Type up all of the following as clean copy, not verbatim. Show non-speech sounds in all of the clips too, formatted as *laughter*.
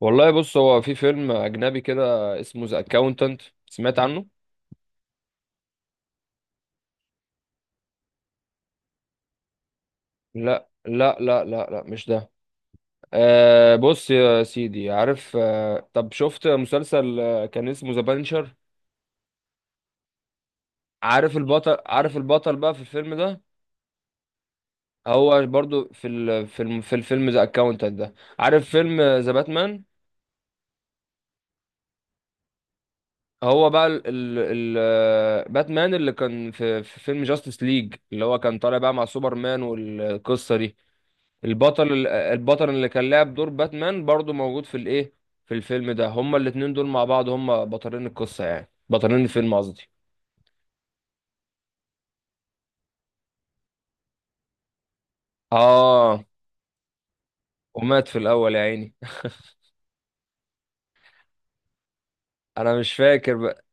والله بص، هو في فيلم اجنبي كده اسمه ذا اكاونتنت. سمعت عنه؟ لا لا لا لا لا، مش ده. آه بص يا سيدي، عارف؟ طب شفت مسلسل كان اسمه ذا بانشر؟ عارف البطل؟ عارف البطل بقى في الفيلم ده؟ هو برضو في ال في الم في الفيلم ذا اكاونتنت ده. عارف فيلم ذا باتمان؟ هو بقى باتمان اللي كان في فيلم جاستس ليج، اللي هو كان طالع بقى مع سوبرمان والقصة دي. البطل اللي كان لعب دور باتمان برضو موجود في الايه، في الفيلم ده. هما الاتنين دول مع بعض هما بطلين القصة، يعني بطلين الفيلم قصدي. اه، ومات في الاول يا عيني *laughs* انا مش فاكر بقى.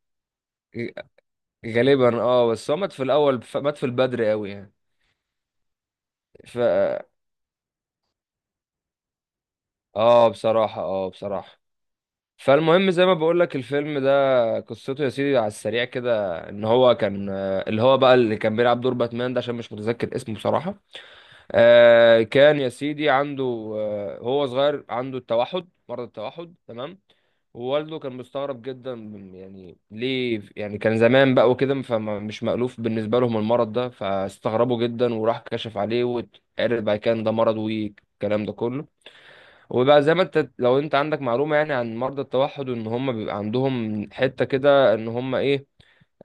غالبا اه، بس هو مات في الاول، مات في البدري قوي يعني. ف اه بصراحة، اه بصراحة. فالمهم زي ما بقول لك، الفيلم ده قصته يا سيدي على السريع كده، ان هو كان اللي هو بقى اللي كان بيلعب دور باتمان ده، عشان مش متذكر اسمه بصراحة. آه، كان يا سيدي عنده، آه، هو صغير عنده التوحد، مرض التوحد، تمام؟ ووالده كان مستغرب جدا من، يعني ليه، يعني كان زمان بقى وكده، فمش مألوف بالنسبة لهم المرض ده، فاستغربوا جدا وراح كشف عليه واتعرف بقى كان ده مرض والكلام ده كله. وبقى زي ما انت، لو انت عندك معلومة يعني عن مرضى التوحد، ان هم بيبقى عندهم حتة كده ان هم ايه،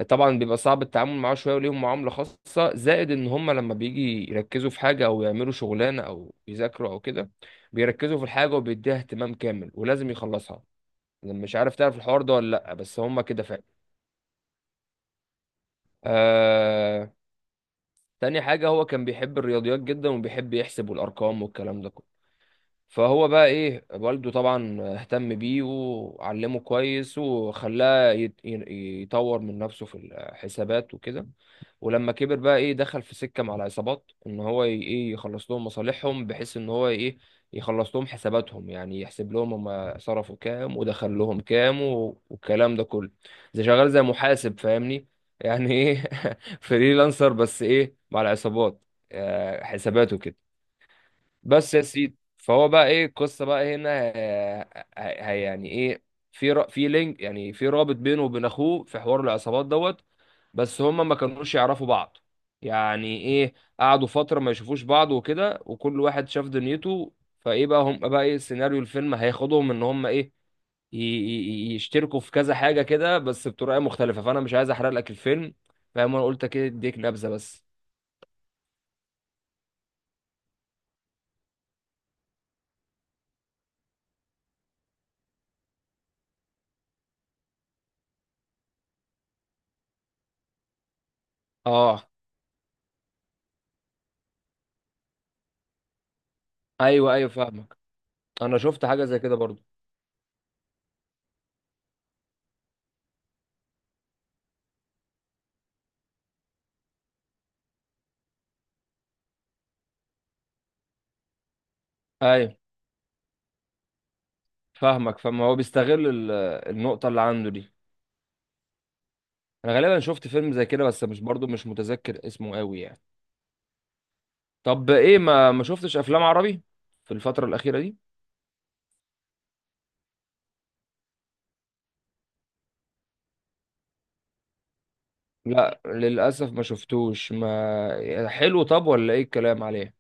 طبعا بيبقى صعب التعامل معاه شويه وليهم معامله خاصه، زائد ان هم لما بيجي يركزوا في حاجه او يعملوا شغلانه او يذاكروا او كده، بيركزوا في الحاجه وبيديها اهتمام كامل ولازم يخلصها. أنا مش عارف تعرف الحوار ده ولا لا، بس هم كده فعلا. آه. تاني حاجه، هو كان بيحب الرياضيات جدا وبيحب يحسب والارقام والكلام ده كله. فهو بقى ايه، والده طبعا اهتم بيه وعلمه كويس وخلاه يطور من نفسه في الحسابات وكده. ولما كبر بقى ايه، دخل في سكة مع العصابات ان هو ي- ايه يخلص لهم مصالحهم، بحيث ان هو ايه، يخلص لهم حساباتهم، يعني يحسب لهم هم صرفوا كام ودخل لهم كام، والكلام ده كله. زي شغال زي محاسب، فاهمني؟ يعني ايه *laughs* فريلانسر بس ايه مع العصابات. آه، حساباته كده. بس يا سيدي، فهو بقى ايه القصه بقى هنا، يعني ايه، في لينك، يعني في رابط بينه وبين اخوه في حوار العصابات دوت. بس هما ما كانوش يعرفوا بعض. يعني ايه، قعدوا فتره ما يشوفوش بعض وكده، وكل واحد شاف دنيته. فايه بقى، هم بقى ايه سيناريو الفيلم هياخدهم ان هم ايه، يشتركوا في كذا حاجه كده، بس بطريقه مختلفه، فانا مش عايز احرق لك الفيلم. فاهم؟ انا قلت كده اديك نبذه بس. اه. ايوه ايوه فاهمك، انا شفت حاجه زي كده برضو. ايوه، فاهمك، فاهم هو بيستغل النقطة اللي عنده دي. انا غالبا شفت فيلم زي كده، بس مش برضو مش متذكر اسمه قوي يعني. طب ايه، ما شفتش افلام عربي في الفترة الأخيرة دي؟ لا للأسف ما شفتوش. ما حلو طب ولا ايه الكلام عليه؟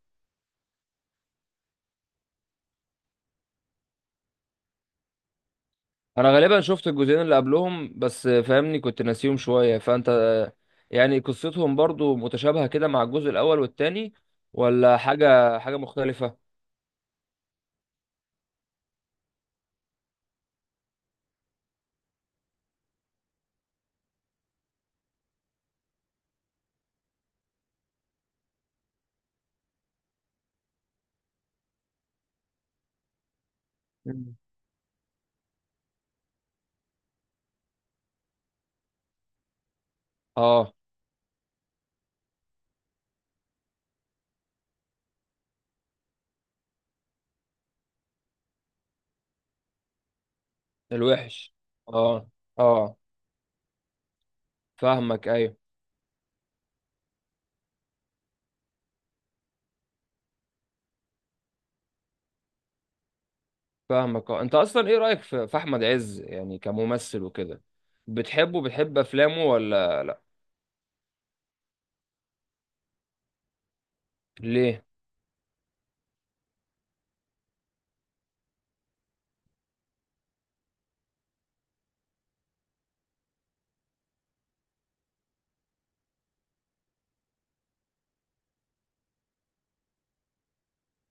انا غالبا شفت الجزئين اللي قبلهم بس، فاهمني؟ كنت ناسيهم شوية. فانت يعني قصتهم برضو متشابهة كده مع الجزء الأول والتاني؟ ولا حاجة، مختلفة؟ مم. اه. الوحش. اه. اه فاهمك. ايوه فاهمك، اه. انت اصلا ايه رايك في احمد عز يعني كممثل وكده؟ بتحبه؟ بتحب افلامه ولا لا؟ ليه؟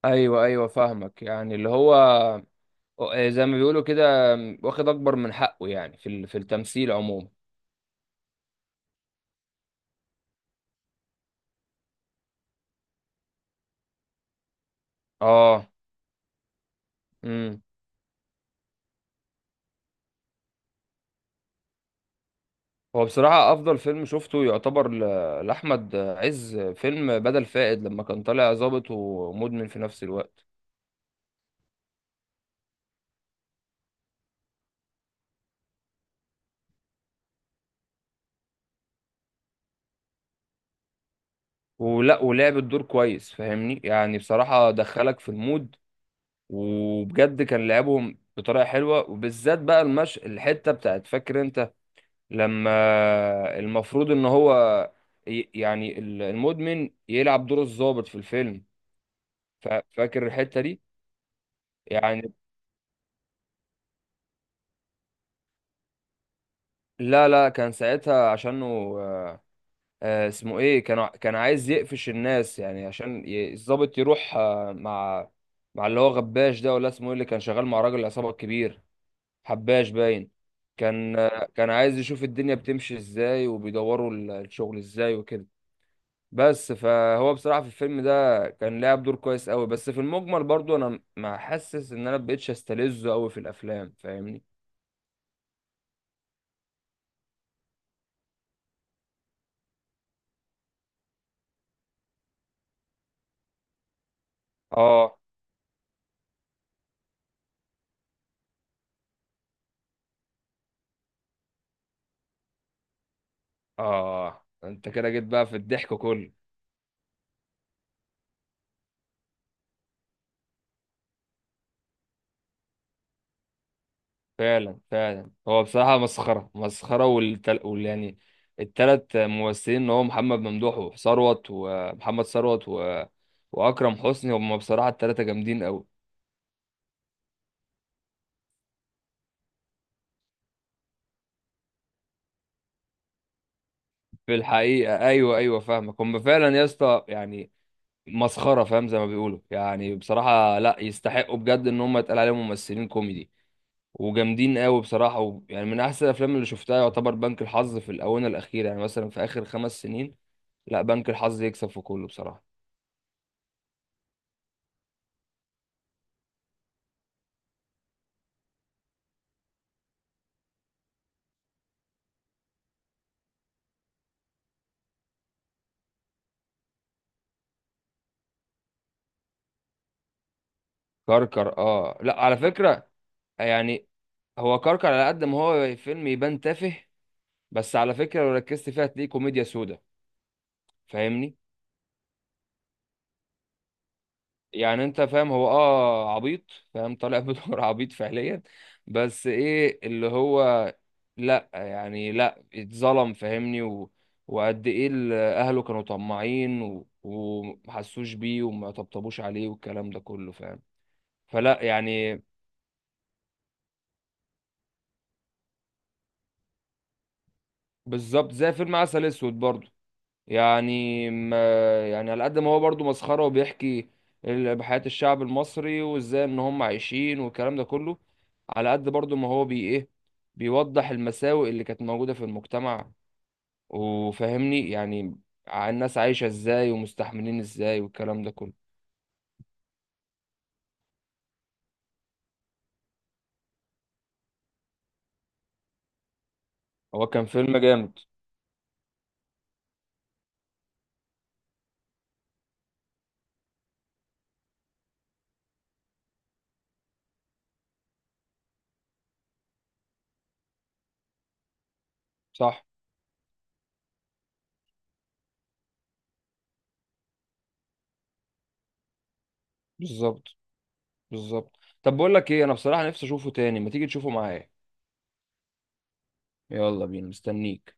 ايوه ايوه فاهمك. يعني اللي هو زي ما بيقولوا كده، واخد اكبر من حقه يعني في في التمثيل عموما. اه. امم. هو بصراحه افضل فيلم شفته يعتبر لاحمد عز فيلم بدل فائد، لما كان طالع ظابط ومدمن في نفس الوقت. ولا ولعب الدور كويس، فاهمني؟ يعني بصراحه دخلك في المود، وبجد كان لعبهم بطريقه حلوه، وبالذات بقى المش الحته بتاعت، فاكر انت؟ لما المفروض ان هو يعني المدمن يلعب دور الضابط في الفيلم. فاكر الحته دي؟ يعني لا لا، كان ساعتها عشانه، آه، اسمه ايه، كان عايز يقفش الناس يعني، عشان الضابط يروح مع، مع اللي هو غباش ده ولا اسمه ايه، اللي كان شغال مع راجل العصابه الكبير. حباش باين. كان، كان عايز يشوف الدنيا بتمشي ازاي، وبيدوروا الشغل ازاي وكده. بس فهو بصراحة في الفيلم ده كان لعب دور كويس قوي، بس في المجمل برضو انا ما حاسس ان انا مبقتش استلذه قوي في الافلام، فاهمني؟ اه. اه انت كده جيت بقى في الضحك كله. فعلا فعلا، هو بصراحة مسخرة مسخرة، وال يعني، التلات ممثلين اللي هو محمد ممدوح وثروت ومحمد ثروت و... واكرم حسني، هم بصراحة التلاتة جامدين قوي. في الحقيقة، أيوه أيوه فاهمك. هم فعلا يا اسطى يعني مسخرة، فاهم؟ زي ما بيقولوا يعني. بصراحة لا، يستحقوا بجد إن هم يتقال عليهم ممثلين كوميدي وجامدين قوي بصراحة. و... يعني من أحسن الأفلام اللي شفتها يعتبر بنك الحظ في الآونة الأخيرة، يعني مثلا في آخر 5 سنين. لا، بنك الحظ يكسب في كله بصراحة. كركر؟ اه، لا على فكرة يعني، هو كركر على قد ما هو فيلم يبان تافه، بس على فكرة لو ركزت فيها هتلاقيه كوميديا سودا، فاهمني؟ يعني انت فاهم، هو اه عبيط، فاهم؟ طالع بدور *laughs* عبيط فعليا، بس ايه اللي هو، لا يعني لا، اتظلم فاهمني، و... وقد ايه اهله كانوا طماعين، و... ومحسوش بيه وما طبطبوش عليه والكلام ده كله، فاهم؟ فلا يعني. بالظبط زي فيلم عسل اسود برضه. يعني ما يعني على قد ما هو برضو مسخرة وبيحكي بحياة الشعب المصري وازاي ان هم عايشين والكلام ده كله، على قد برضو ما هو بي ايه، بيوضح المساوئ اللي كانت موجودة في المجتمع، وفهمني يعني، الناس عايشة ازاي ومستحملين ازاي والكلام ده كله. هو كان فيلم جامد. صح. بالظبط، بالظبط. طب بقول لك ايه، انا بصراحة نفسي اشوفه تاني، ما تيجي تشوفه معايا. يلا بينا، مستنيك.